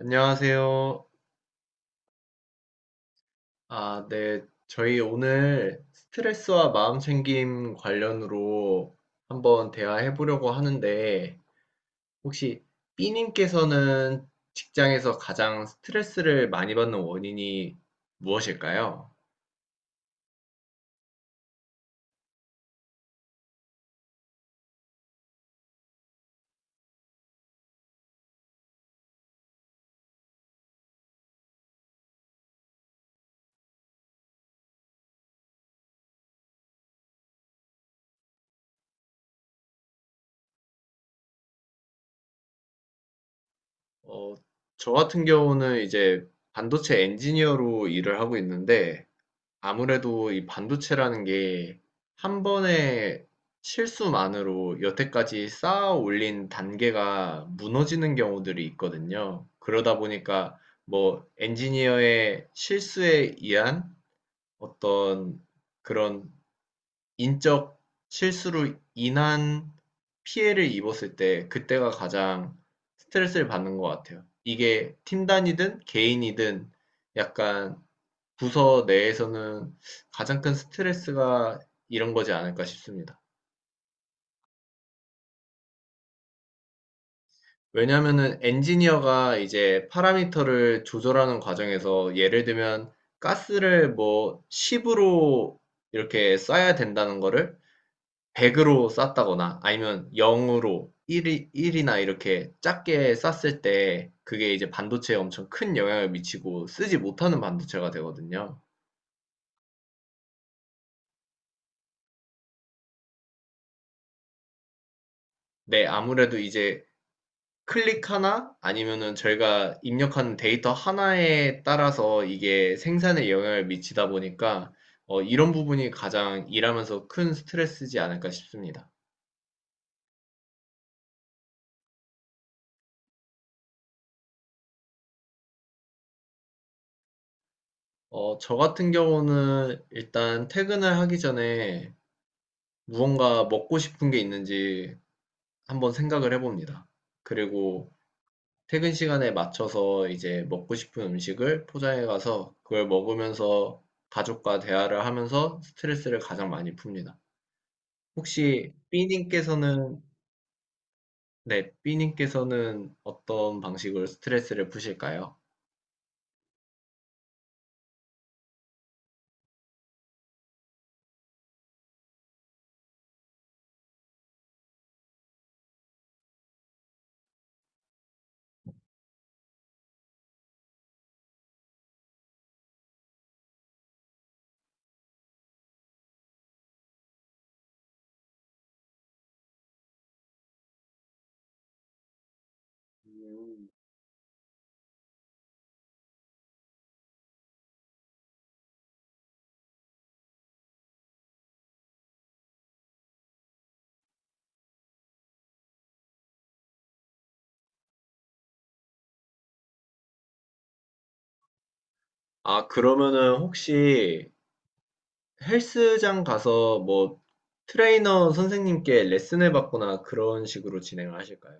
안녕하세요. 아, 네. 저희 오늘 스트레스와 마음챙김 관련으로 한번 대화해 보려고 하는데, 혹시 B님께서는 직장에서 가장 스트레스를 많이 받는 원인이 무엇일까요? 어, 저 같은 경우는 이제 반도체 엔지니어로 일을 하고 있는데, 아무래도 이 반도체라는 게 한 번의 실수만으로 여태까지 쌓아 올린 단계가 무너지는 경우들이 있거든요. 그러다 보니까 뭐 엔지니어의 실수에 의한 어떤 그런 인적 실수로 인한 피해를 입었을 때 그때가 가장 스트레스를 받는 것 같아요. 이게 팀 단위든 개인이든 약간 부서 내에서는 가장 큰 스트레스가 이런 거지 않을까 싶습니다. 왜냐하면은 엔지니어가 이제 파라미터를 조절하는 과정에서 예를 들면 가스를 뭐 10으로 이렇게 쏴야 된다는 거를 100으로 쐈다거나 아니면 0으로 1, 1이나 이렇게 작게 쐈을 때 그게 이제 반도체에 엄청 큰 영향을 미치고 쓰지 못하는 반도체가 되거든요. 네, 아무래도 이제 클릭 하나 아니면은 저희가 입력한 데이터 하나에 따라서 이게 생산에 영향을 미치다 보니까 이런 부분이 가장 일하면서 큰 스트레스지 않을까 싶습니다. 저 같은 경우는 일단 퇴근을 하기 전에 무언가 먹고 싶은 게 있는지 한번 생각을 해봅니다. 그리고 퇴근 시간에 맞춰서 이제 먹고 싶은 음식을 포장해 가서 그걸 먹으면서 가족과 대화를 하면서 스트레스를 가장 많이 풉니다. 혹시 B님께서는, 네, B님께서는 어떤 방식으로 스트레스를 푸실까요? 아, 그러면은 혹시 헬스장 가서 뭐 트레이너 선생님께 레슨을 받거나 그런 식으로 진행을 하실까요?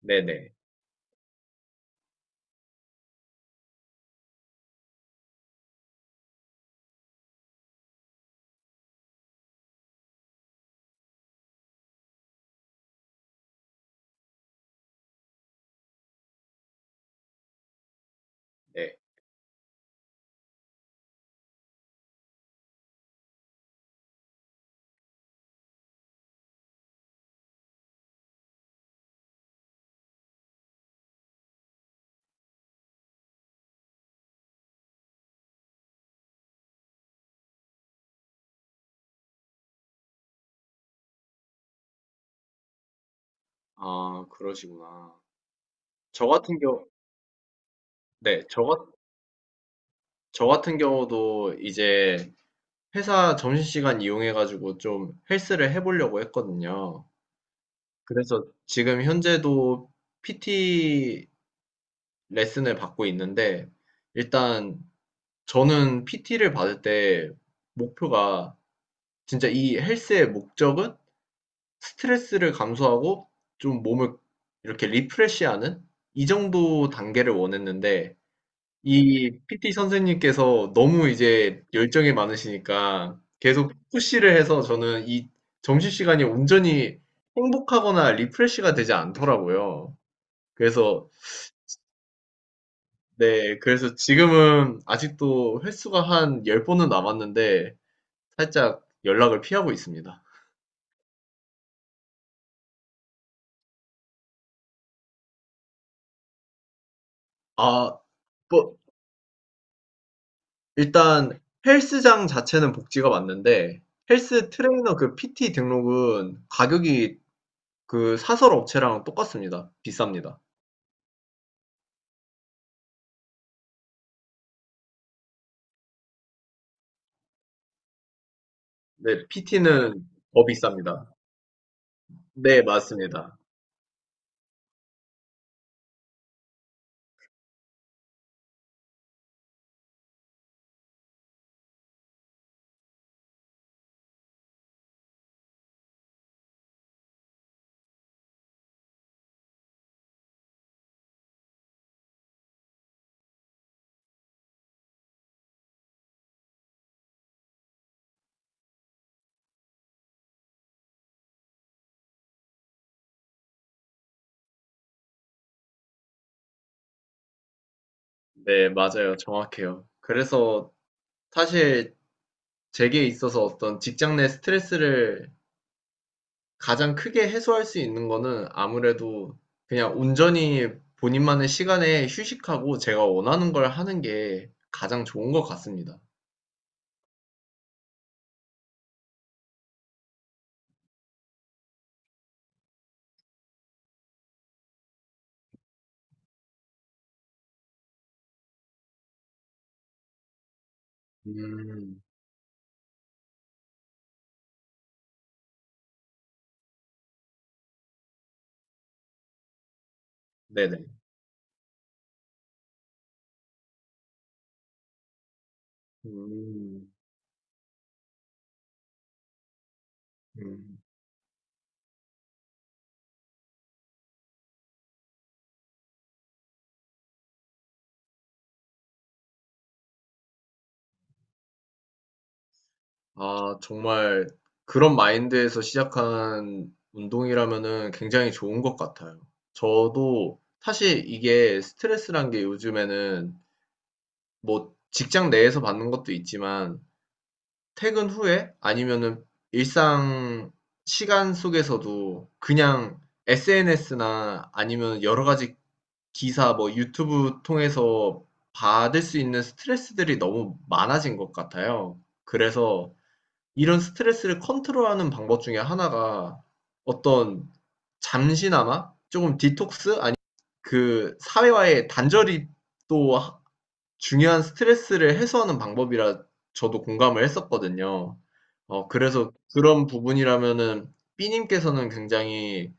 네네, 네. 아, 그러시구나. 저 같은 경우, 네, 저 같은 경우도 이제 회사 점심시간 이용해가지고 좀 헬스를 해보려고 했거든요. 그래서 지금 현재도 PT 레슨을 받고 있는데 일단 저는 PT를 받을 때 목표가 진짜 이 헬스의 목적은 스트레스를 감소하고 좀 몸을 이렇게 리프레시하는 이 정도 단계를 원했는데 이 PT 선생님께서 너무 이제 열정이 많으시니까 계속 푸시를 해서 저는 이 점심시간이 온전히 행복하거나 리프레시가 되지 않더라고요. 그래서 네, 그래서 지금은 아직도 횟수가 한 10번은 남았는데 살짝 연락을 피하고 있습니다. 아, 뭐, 일단 헬스장 자체는 복지가 맞는데 헬스 트레이너 그 PT 등록은 가격이 그 사설 업체랑 똑같습니다. 비쌉니다. 네, PT는 더 비쌉니다. 네, 맞습니다. 네, 맞아요. 정확해요. 그래서 사실 제게 있어서 어떤 직장 내 스트레스를 가장 크게 해소할 수 있는 거는 아무래도 그냥 온전히 본인만의 시간에 휴식하고 제가 원하는 걸 하는 게 가장 좋은 것 같습니다. 음. 네네. 음. 음. 아, 정말 그런 마인드에서 시작한 운동이라면은 굉장히 좋은 것 같아요. 저도 사실 이게 스트레스란 게 요즘에는 뭐 직장 내에서 받는 것도 있지만 퇴근 후에 아니면은 일상 시간 속에서도 그냥 SNS나 아니면 여러 가지 기사 뭐 유튜브 통해서 받을 수 있는 스트레스들이 너무 많아진 것 같아요. 그래서 이런 스트레스를 컨트롤하는 방법 중에 하나가 어떤 잠시나마 조금 디톡스 아니 그 사회와의 단절이 또 중요한 스트레스를 해소하는 방법이라 저도 공감을 했었거든요. 그래서 그런 부분이라면은 B 님께서는 굉장히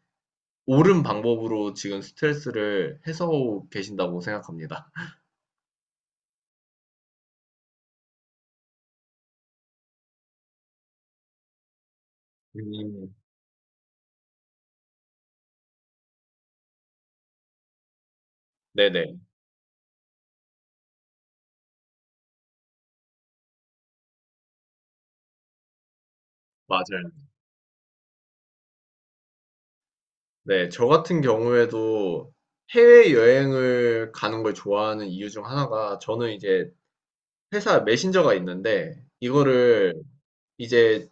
옳은 방법으로 지금 스트레스를 해소하고 계신다고 생각합니다. 음. 네네. 맞아요. 네. 저 같은 경우에도 해외여행을 가는 걸 좋아하는 이유 중 하나가 저는 이제 회사 메신저가 있는데 이거를 이제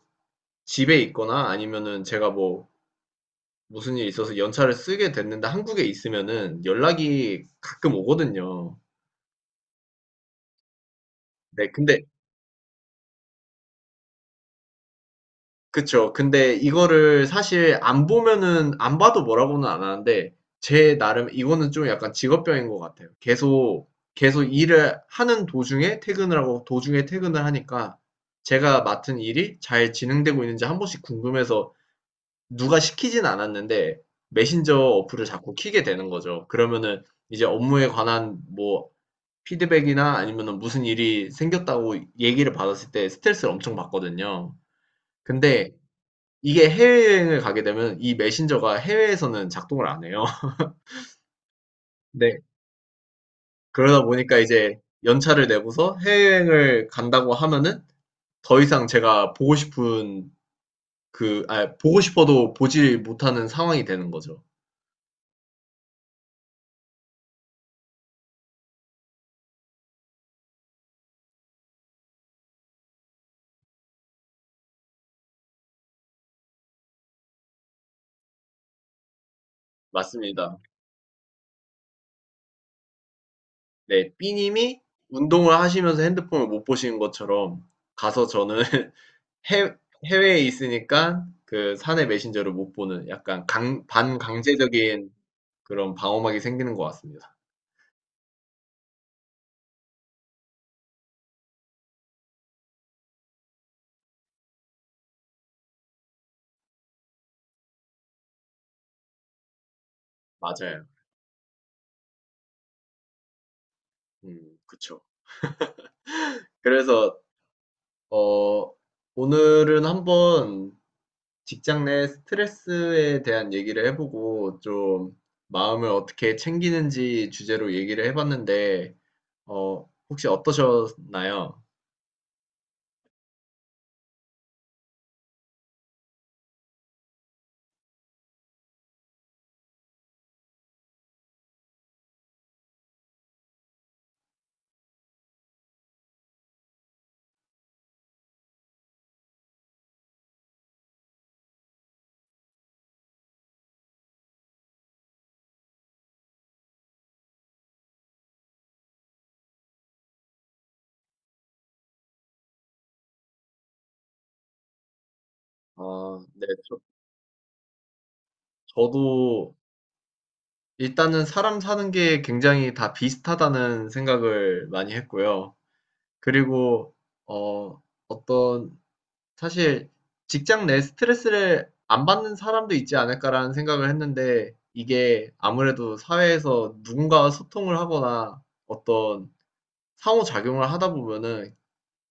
집에 있거나 아니면은 제가 뭐 무슨 일이 있어서 연차를 쓰게 됐는데 한국에 있으면은 연락이 가끔 오거든요. 네, 근데 그쵸. 근데 이거를 사실 안 보면은 안 봐도 뭐라고는 안 하는데 제 나름 이거는 좀 약간 직업병인 것 같아요. 계속 일을 하는 도중에 퇴근을 하고 도중에 퇴근을 하니까 제가 맡은 일이 잘 진행되고 있는지 한 번씩 궁금해서 누가 시키진 않았는데 메신저 어플을 자꾸 켜게 되는 거죠. 그러면은 이제 업무에 관한 뭐 피드백이나 아니면은 무슨 일이 생겼다고 얘기를 받았을 때 스트레스를 엄청 받거든요. 근데 이게 해외여행을 가게 되면 이 메신저가 해외에서는 작동을 안 해요. 네. 그러다 보니까 이제 연차를 내고서 해외여행을 간다고 하면은 더 이상 제가 보고 싶은 보고 싶어도 보지 못하는 상황이 되는 거죠. 맞습니다. 네. B님이 운동을 하시면서 핸드폰을 못 보시는 것처럼 가서 저는 해 해외에 있으니까 그 사내 메신저를 못 보는 약간 강 반강제적인 그런 방어막이 생기는 것 같습니다. 맞아요. 그쵸. 그래서, 어, 오늘은 한번 직장 내 스트레스에 대한 얘기를 해보고 좀 마음을 어떻게 챙기는지 주제로 얘기를 해봤는데, 혹시 어떠셨나요? 아, 네. 저도 일단은 사람 사는 게 굉장히 다 비슷하다는 생각을 많이 했고요. 그리고 어 어떤 사실 직장 내 스트레스를 안 받는 사람도 있지 않을까라는 생각을 했는데 이게 아무래도 사회에서 누군가와 소통을 하거나 어떤 상호작용을 하다 보면은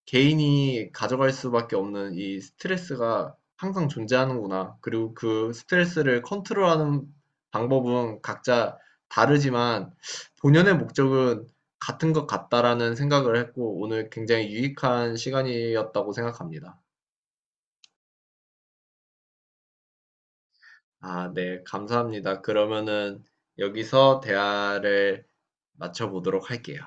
개인이 가져갈 수밖에 없는 이 스트레스가 항상 존재하는구나. 그리고 그 스트레스를 컨트롤하는 방법은 각자 다르지만 본연의 목적은 같은 것 같다라는 생각을 했고 오늘 굉장히 유익한 시간이었다고 생각합니다. 아, 네, 감사합니다. 그러면은 여기서 대화를 마쳐보도록 할게요.